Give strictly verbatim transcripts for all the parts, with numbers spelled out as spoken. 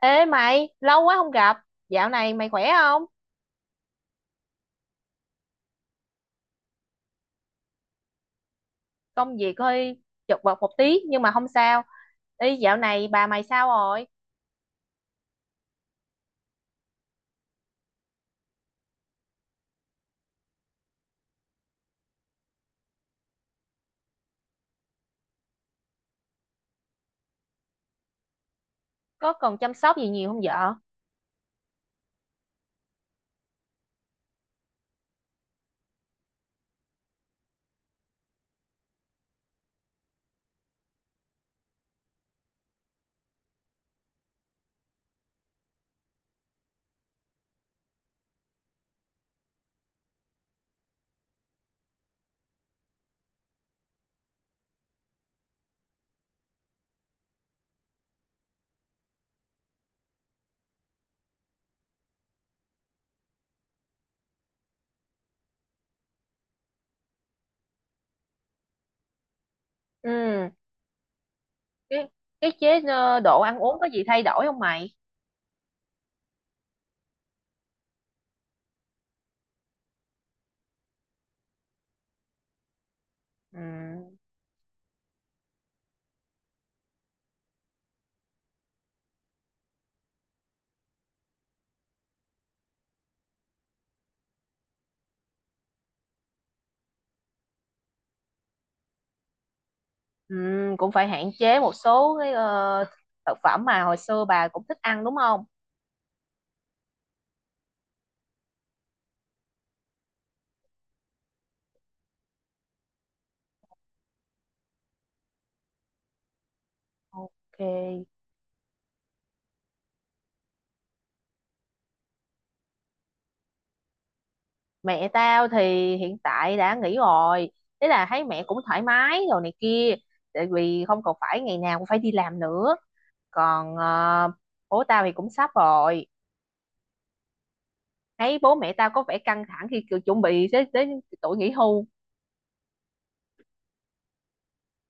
Ê mày, lâu quá không gặp. Dạo này mày khỏe không? Công việc hơi chật vật một tí nhưng mà không sao. Ê, dạo này bà mày sao rồi? Có cần chăm sóc gì nhiều không vợ? Ừ, cái cái chế ờ, độ ăn uống có gì thay đổi không mày? Ừ, ừ, cũng phải hạn chế một số cái ờ, thực phẩm mà hồi xưa bà cũng thích ăn đúng không? Ok. Mẹ tao thì hiện tại đã nghỉ rồi. Thế là thấy mẹ cũng thoải mái rồi này kia. Tại vì không còn phải ngày nào cũng phải đi làm nữa, còn ờ, bố tao thì cũng sắp rồi. Thấy bố mẹ tao có vẻ căng thẳng khi kiểu chuẩn bị đến, đến tuổi nghỉ hưu.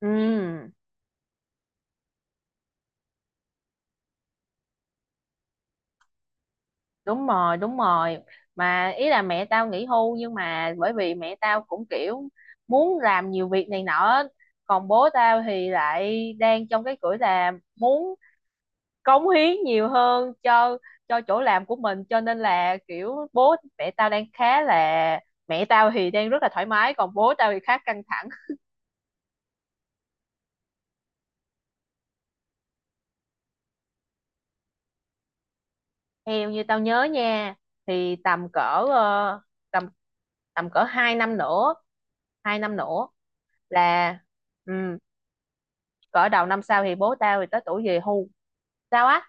Ừ, đúng rồi, đúng rồi, mà ý là mẹ tao nghỉ hưu nhưng mà bởi vì mẹ tao cũng kiểu muốn làm nhiều việc này nọ á. Còn bố tao thì lại đang trong cái tuổi là muốn cống hiến nhiều hơn cho cho chỗ làm của mình, cho nên là kiểu bố mẹ tao đang khá là, mẹ tao thì đang rất là thoải mái còn bố tao thì khá căng thẳng. Theo như tao nhớ nha thì tầm cỡ ờ, tầm tầm cỡ hai năm nữa, hai năm nữa là ừ, cỡ đầu năm sau thì bố tao thì tới tuổi về hưu. Sao á?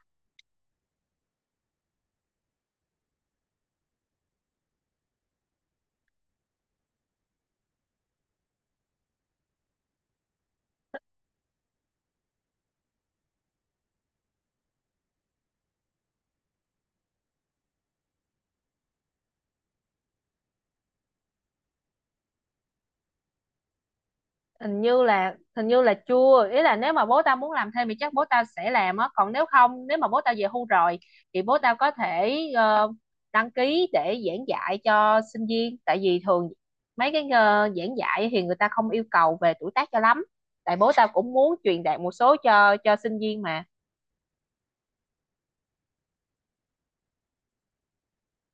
Hình như là hình như là chưa, ý là nếu mà bố tao muốn làm thêm thì chắc bố tao sẽ làm á, còn nếu không, nếu mà bố tao về hưu rồi thì bố tao có thể ờ, đăng ký để giảng dạy cho sinh viên, tại vì thường mấy cái ờ, giảng dạy thì người ta không yêu cầu về tuổi tác cho lắm, tại bố tao cũng muốn truyền đạt một số cho cho sinh viên mà.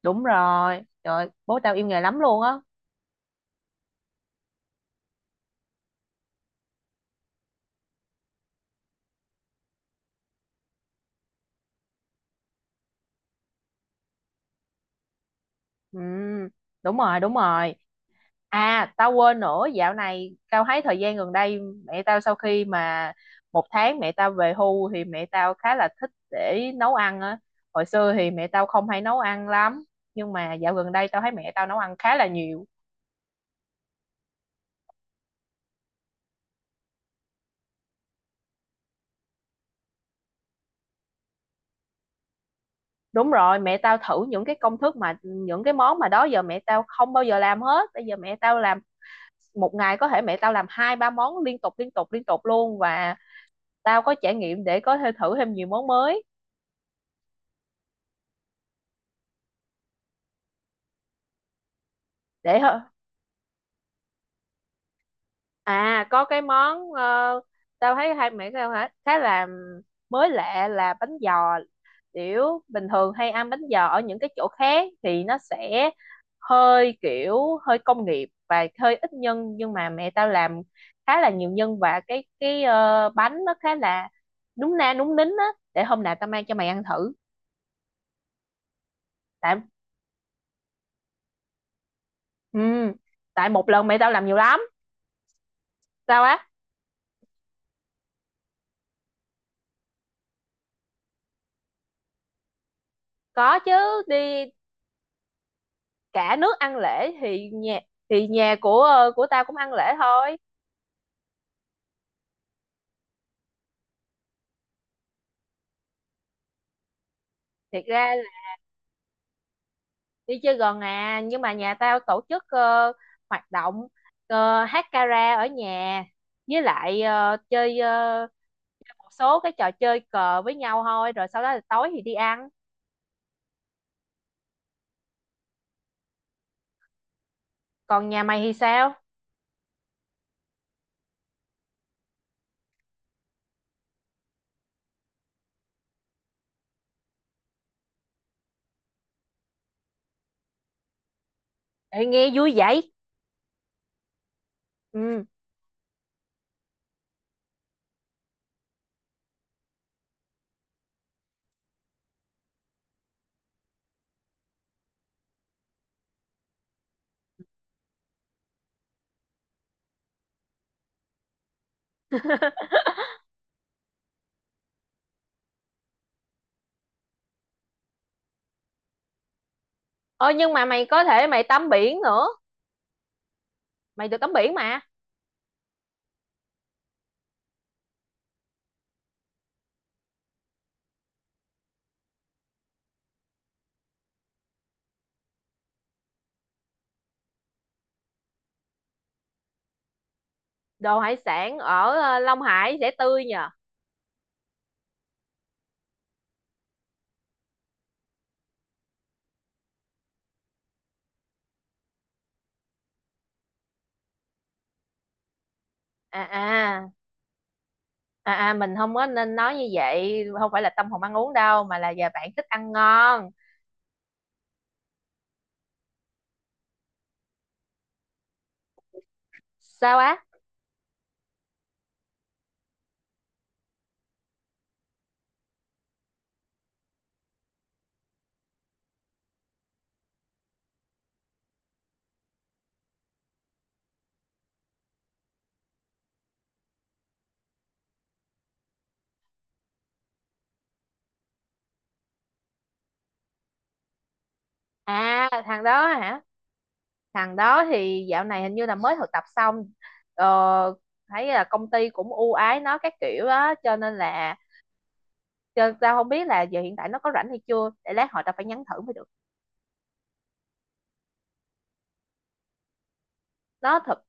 Đúng rồi, trời bố tao yêu nghề lắm luôn á. Ừ, đúng rồi, đúng rồi. À, tao quên nữa, dạo này tao thấy thời gian gần đây mẹ tao sau khi mà một tháng mẹ tao về hưu thì mẹ tao khá là thích để nấu ăn á. Hồi xưa thì mẹ tao không hay nấu ăn lắm, nhưng mà dạo gần đây tao thấy mẹ tao nấu ăn khá là nhiều. Đúng rồi, mẹ tao thử những cái công thức mà những cái món mà đó giờ mẹ tao không bao giờ làm hết. Bây giờ mẹ tao làm một ngày có thể mẹ tao làm hai ba món liên tục liên tục liên tục luôn, và tao có trải nghiệm để có thể thử thêm nhiều món mới. để À, có cái món ờ, tao thấy hai mẹ tao hả khá là mới lạ là bánh giò, kiểu bình thường hay ăn bánh giò ở những cái chỗ khác thì nó sẽ hơi kiểu hơi công nghiệp và hơi ít nhân, nhưng mà mẹ tao làm khá là nhiều nhân và cái cái ờ, bánh nó khá là núng na núng nính á, để hôm nào tao mang cho mày ăn thử, tại ừ, tại một lần mẹ tao làm nhiều lắm. Sao á? Có chứ, đi cả nước ăn lễ thì nhà thì nhà của ờ, của tao cũng ăn lễ thôi. Thiệt ra là đi chơi gần à, nhưng mà nhà tao tổ chức ờ, hoạt động ờ, hát karaoke ở nhà, với lại ờ, chơi ờ, chơi một số cái trò chơi cờ với nhau thôi, rồi sau đó là tối thì đi ăn. Còn nhà mày thì sao? Ê, nghe vui vậy. Ừ. Ôi nhưng mà mày có thể mày tắm biển nữa, mày được tắm biển mà. Đồ hải sản ở ờ, Long Hải sẽ tươi nhờ. À, à, à, à mình không có nên nói như vậy không phải là tâm hồn ăn uống đâu, mà là giờ bạn thích ăn ngon. Sao á? À, thằng đó hả? Thằng đó thì dạo này hình như là mới thực tập xong. ờ, Thấy là công ty cũng ưu ái nó các kiểu á, cho nên là cho tao không biết là giờ hiện tại nó có rảnh hay chưa để lát hồi tao phải nhắn thử mới được. nó thực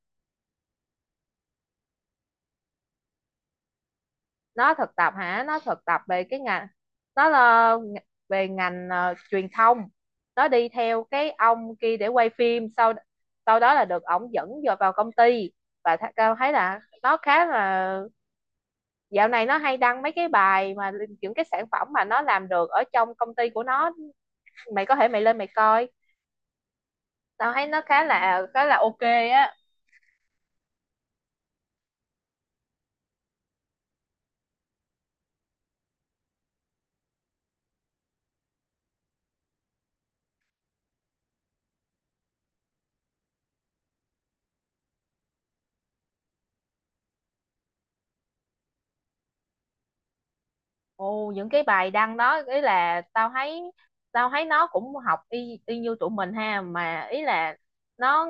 nó thực tập hả? Nó thực tập về cái ngành, nó là về ngành ờ, truyền thông, nó đi theo cái ông kia để quay phim. Sau Sau đó là được ổng dẫn vô vào công ty, và th tao thấy là nó khá là, dạo này nó hay đăng mấy cái bài mà những cái sản phẩm mà nó làm được ở trong công ty của nó, mày có thể mày lên mày coi, tao thấy nó khá là khá là ok á. Ồ, những cái bài đăng đó ý là tao thấy tao thấy nó cũng học y y như tụi mình ha, mà ý là nó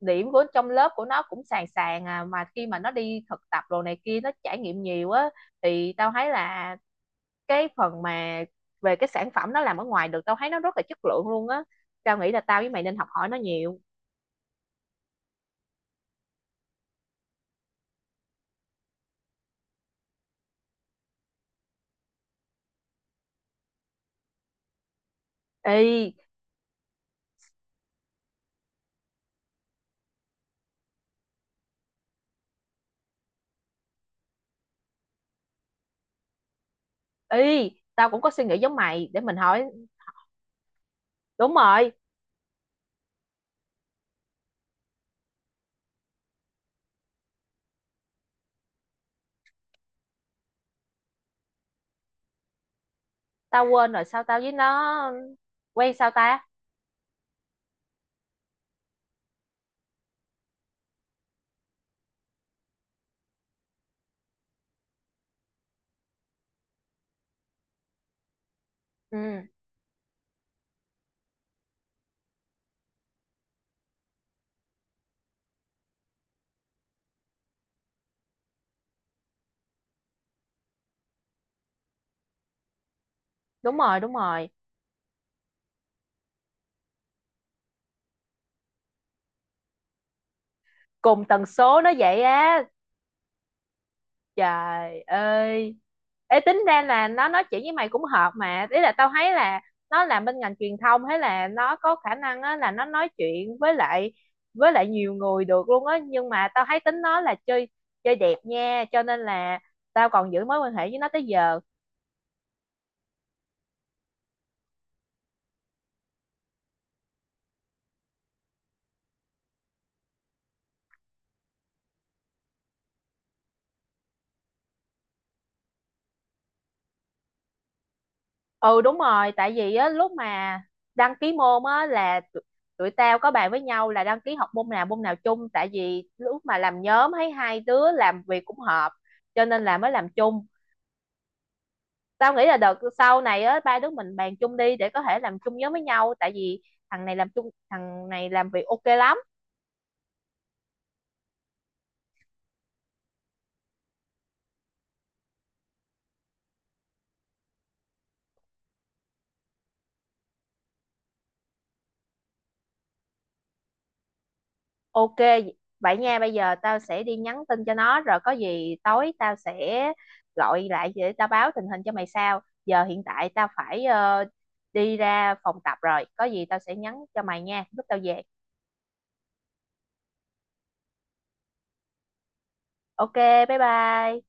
điểm của trong lớp của nó cũng sàn sàn à, mà khi mà nó đi thực tập đồ này kia nó trải nghiệm nhiều á, thì tao thấy là cái phần mà về cái sản phẩm nó làm ở ngoài được tao thấy nó rất là chất lượng luôn á, tao nghĩ là tao với mày nên học hỏi nó nhiều. Y y tao cũng có suy nghĩ giống mày, để mình hỏi. Đúng rồi, tao quên rồi, sao tao với nó quen sao ta? Ừ, đúng rồi, đúng rồi. Cùng tần số nó vậy á, trời ơi. Ê, tính ra là nó nói chuyện với mày cũng hợp, mà ý là tao thấy là nó làm bên ngành truyền thông, hay là nó có khả năng á là nó nói chuyện với lại với lại nhiều người được luôn á, nhưng mà tao thấy tính nó là chơi chơi đẹp nha, cho nên là tao còn giữ mối quan hệ với nó tới giờ. Ừ, đúng rồi, tại vì á lúc mà đăng ký môn á là tụi, tụi tao có bàn với nhau là đăng ký học môn nào môn nào chung, tại vì lúc mà làm nhóm thấy hai đứa làm việc cũng hợp cho nên là mới làm chung. Tao nghĩ là đợt sau này á ba đứa mình bàn chung đi để có thể làm chung nhóm với nhau, tại vì thằng này làm chung thằng này làm việc ok lắm. Ok, vậy nha, bây giờ tao sẽ đi nhắn tin cho nó rồi có gì tối tao sẽ gọi lại để tao báo tình hình cho mày sao. Giờ hiện tại tao phải ờ, đi ra phòng tập rồi, có gì tao sẽ nhắn cho mày nha, lúc tao về. Ok, bye bye.